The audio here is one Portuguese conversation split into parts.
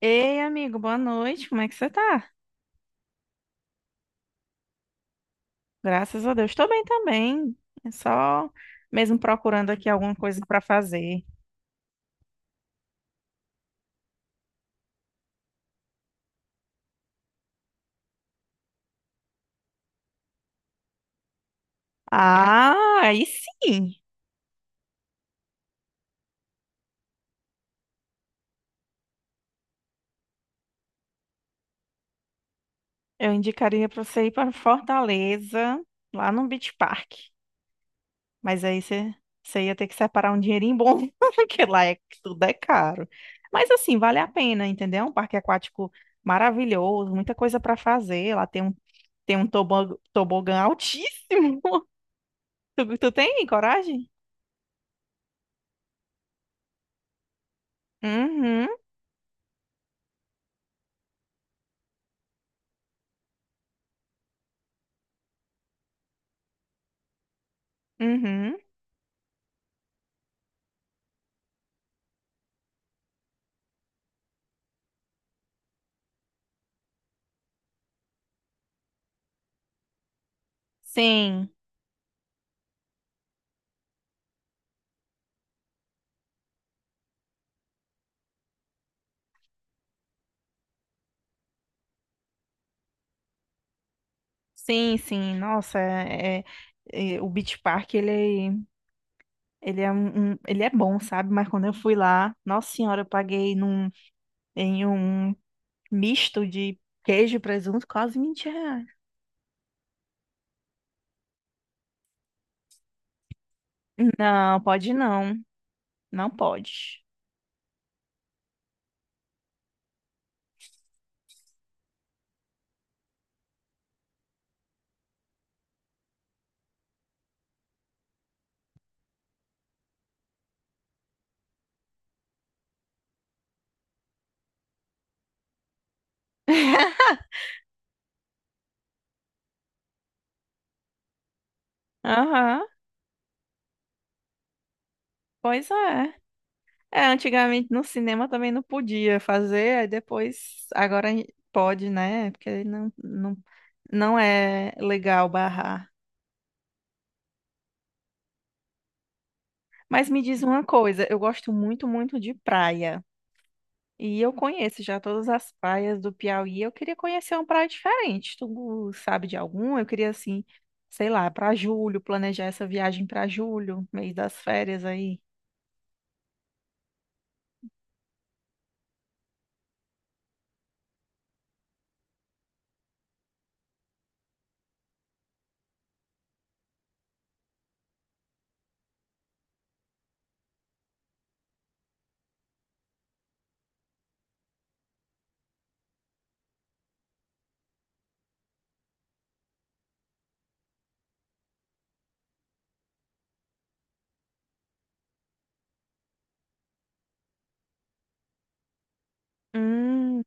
Ei, amigo, boa noite. Como é que você tá? Graças a Deus. Tô bem também. É só mesmo procurando aqui alguma coisa pra fazer. Ah, aí sim. Eu indicaria pra você ir pra Fortaleza, lá no Beach Park. Mas aí você ia ter que separar um dinheirinho bom, porque tudo é caro. Mas assim, vale a pena, entendeu? Um parque aquático maravilhoso, muita coisa pra fazer. Lá tem um tobogã altíssimo. Tu tem coragem? Uhum, uhum. Sim, sim, sim. Nossa, o Beach Park, ele ele é bom, sabe? Mas quando eu fui lá, nossa senhora, eu paguei em um misto de queijo e presunto quase R$ 20. Não, pode não. Não pode. Aham, pois é. É, antigamente no cinema também não podia fazer, aí depois, agora pode, né? Porque não é legal barrar. Mas me diz uma coisa, eu gosto muito, muito de praia. E eu conheço já todas as praias do Piauí. Eu queria conhecer uma praia diferente. Tu sabe de alguma? Eu queria assim, sei lá, para julho, planejar essa viagem para julho, mês das férias aí. Hum,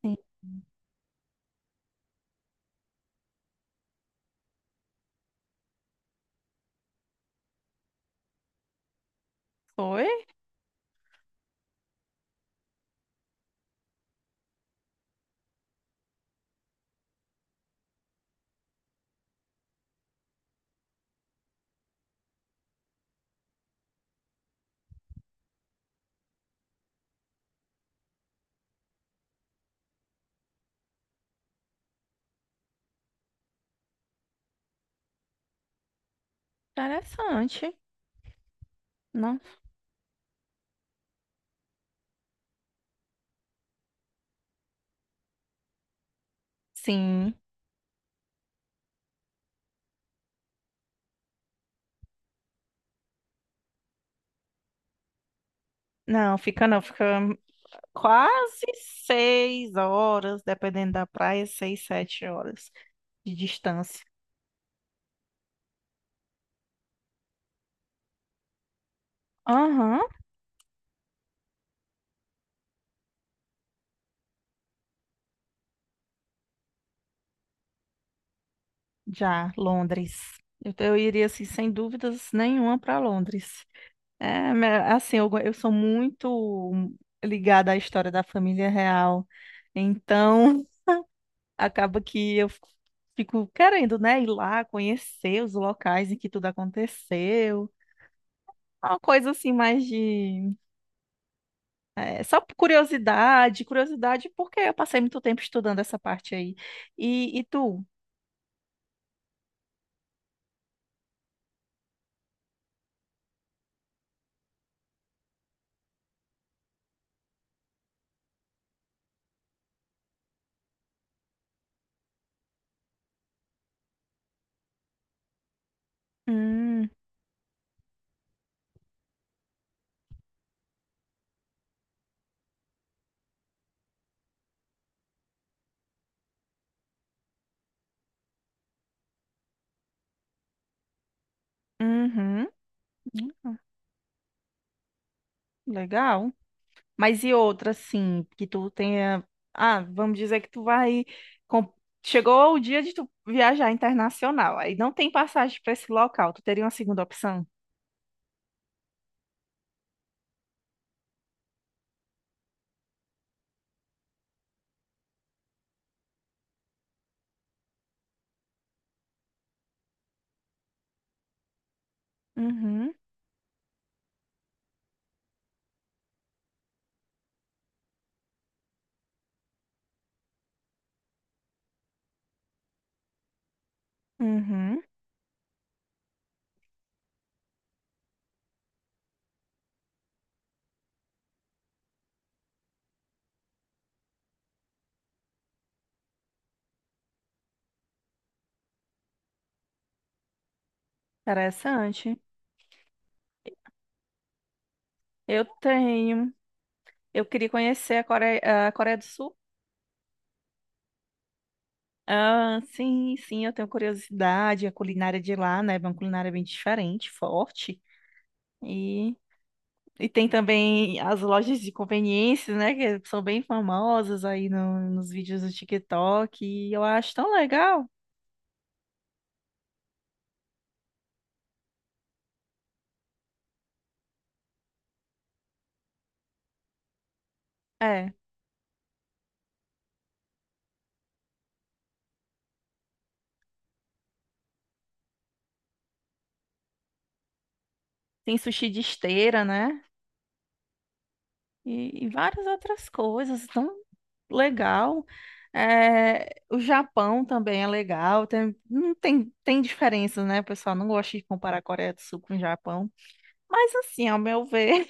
sim. Foi interessante. Não. Sim. Não, fica não, fica quase 6 horas, dependendo da praia, 6, 7 horas de distância. Aham, já, Londres. Eu iria, assim, sem dúvidas nenhuma para Londres. É, assim, eu sou muito ligada à história da família real, então acaba que eu fico querendo, né, ir lá conhecer os locais em que tudo aconteceu. Uma coisa assim mais de. É, só por curiosidade, porque eu passei muito tempo estudando essa parte aí. E tu? Hum, uhum, uhum, legal. Mas e outra, assim, que tu tenha. Ah, vamos dizer que tu vai. com- Chegou o dia de tu viajar internacional. Aí não tem passagem para esse local. Tu teria uma segunda opção? Uhum, uhum. Interessante. Eu tenho. Eu queria conhecer a Coreia do Sul. Ah, sim, sim, eu tenho curiosidade. A culinária de lá, né? É uma culinária bem diferente, forte. E, e tem também as lojas de conveniência, né? Que são bem famosas aí nos vídeos do TikTok. E eu acho tão legal. É, tem sushi de esteira, né? E várias outras coisas. Tão legal. É, o Japão também é legal. Não tem, tem diferença, né? O pessoal não gosta de comparar a Coreia do Sul com o Japão. Mas assim, ao meu ver,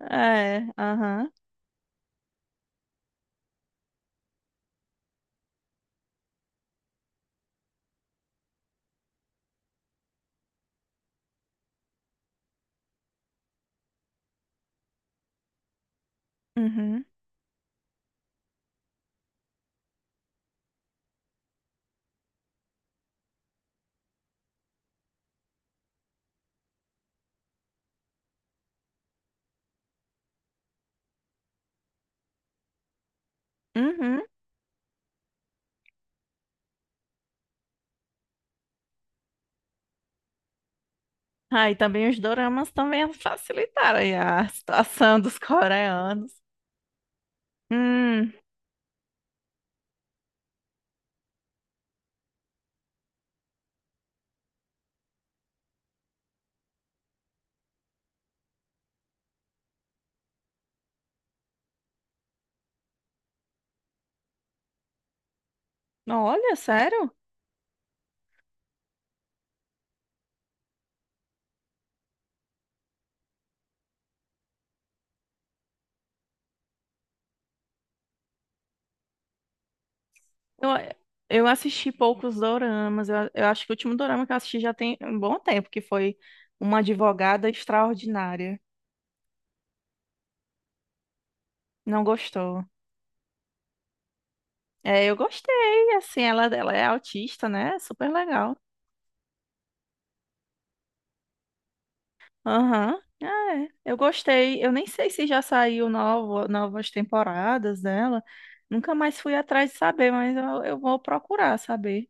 é, aham, uhum, uhum. Ah, e também os doramas também facilitaram aí a situação dos coreanos. Hum, olha, sério? Eu, eu assisti poucos doramas, eu acho que o último dorama que eu assisti já tem um bom tempo, que foi Uma Advogada Extraordinária. Não gostou? É, eu gostei, assim, ela é autista, né? Super legal. Aham. Ah, é, eu gostei. Eu nem sei se já saiu novas temporadas dela. Nunca mais fui atrás de saber, mas eu vou procurar saber.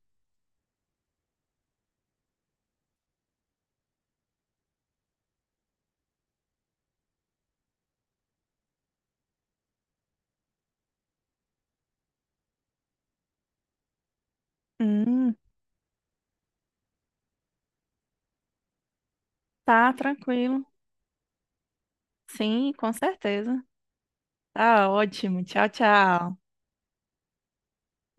Hum, tá tranquilo. Sim, com certeza. Tá ótimo. Tchau, tchau.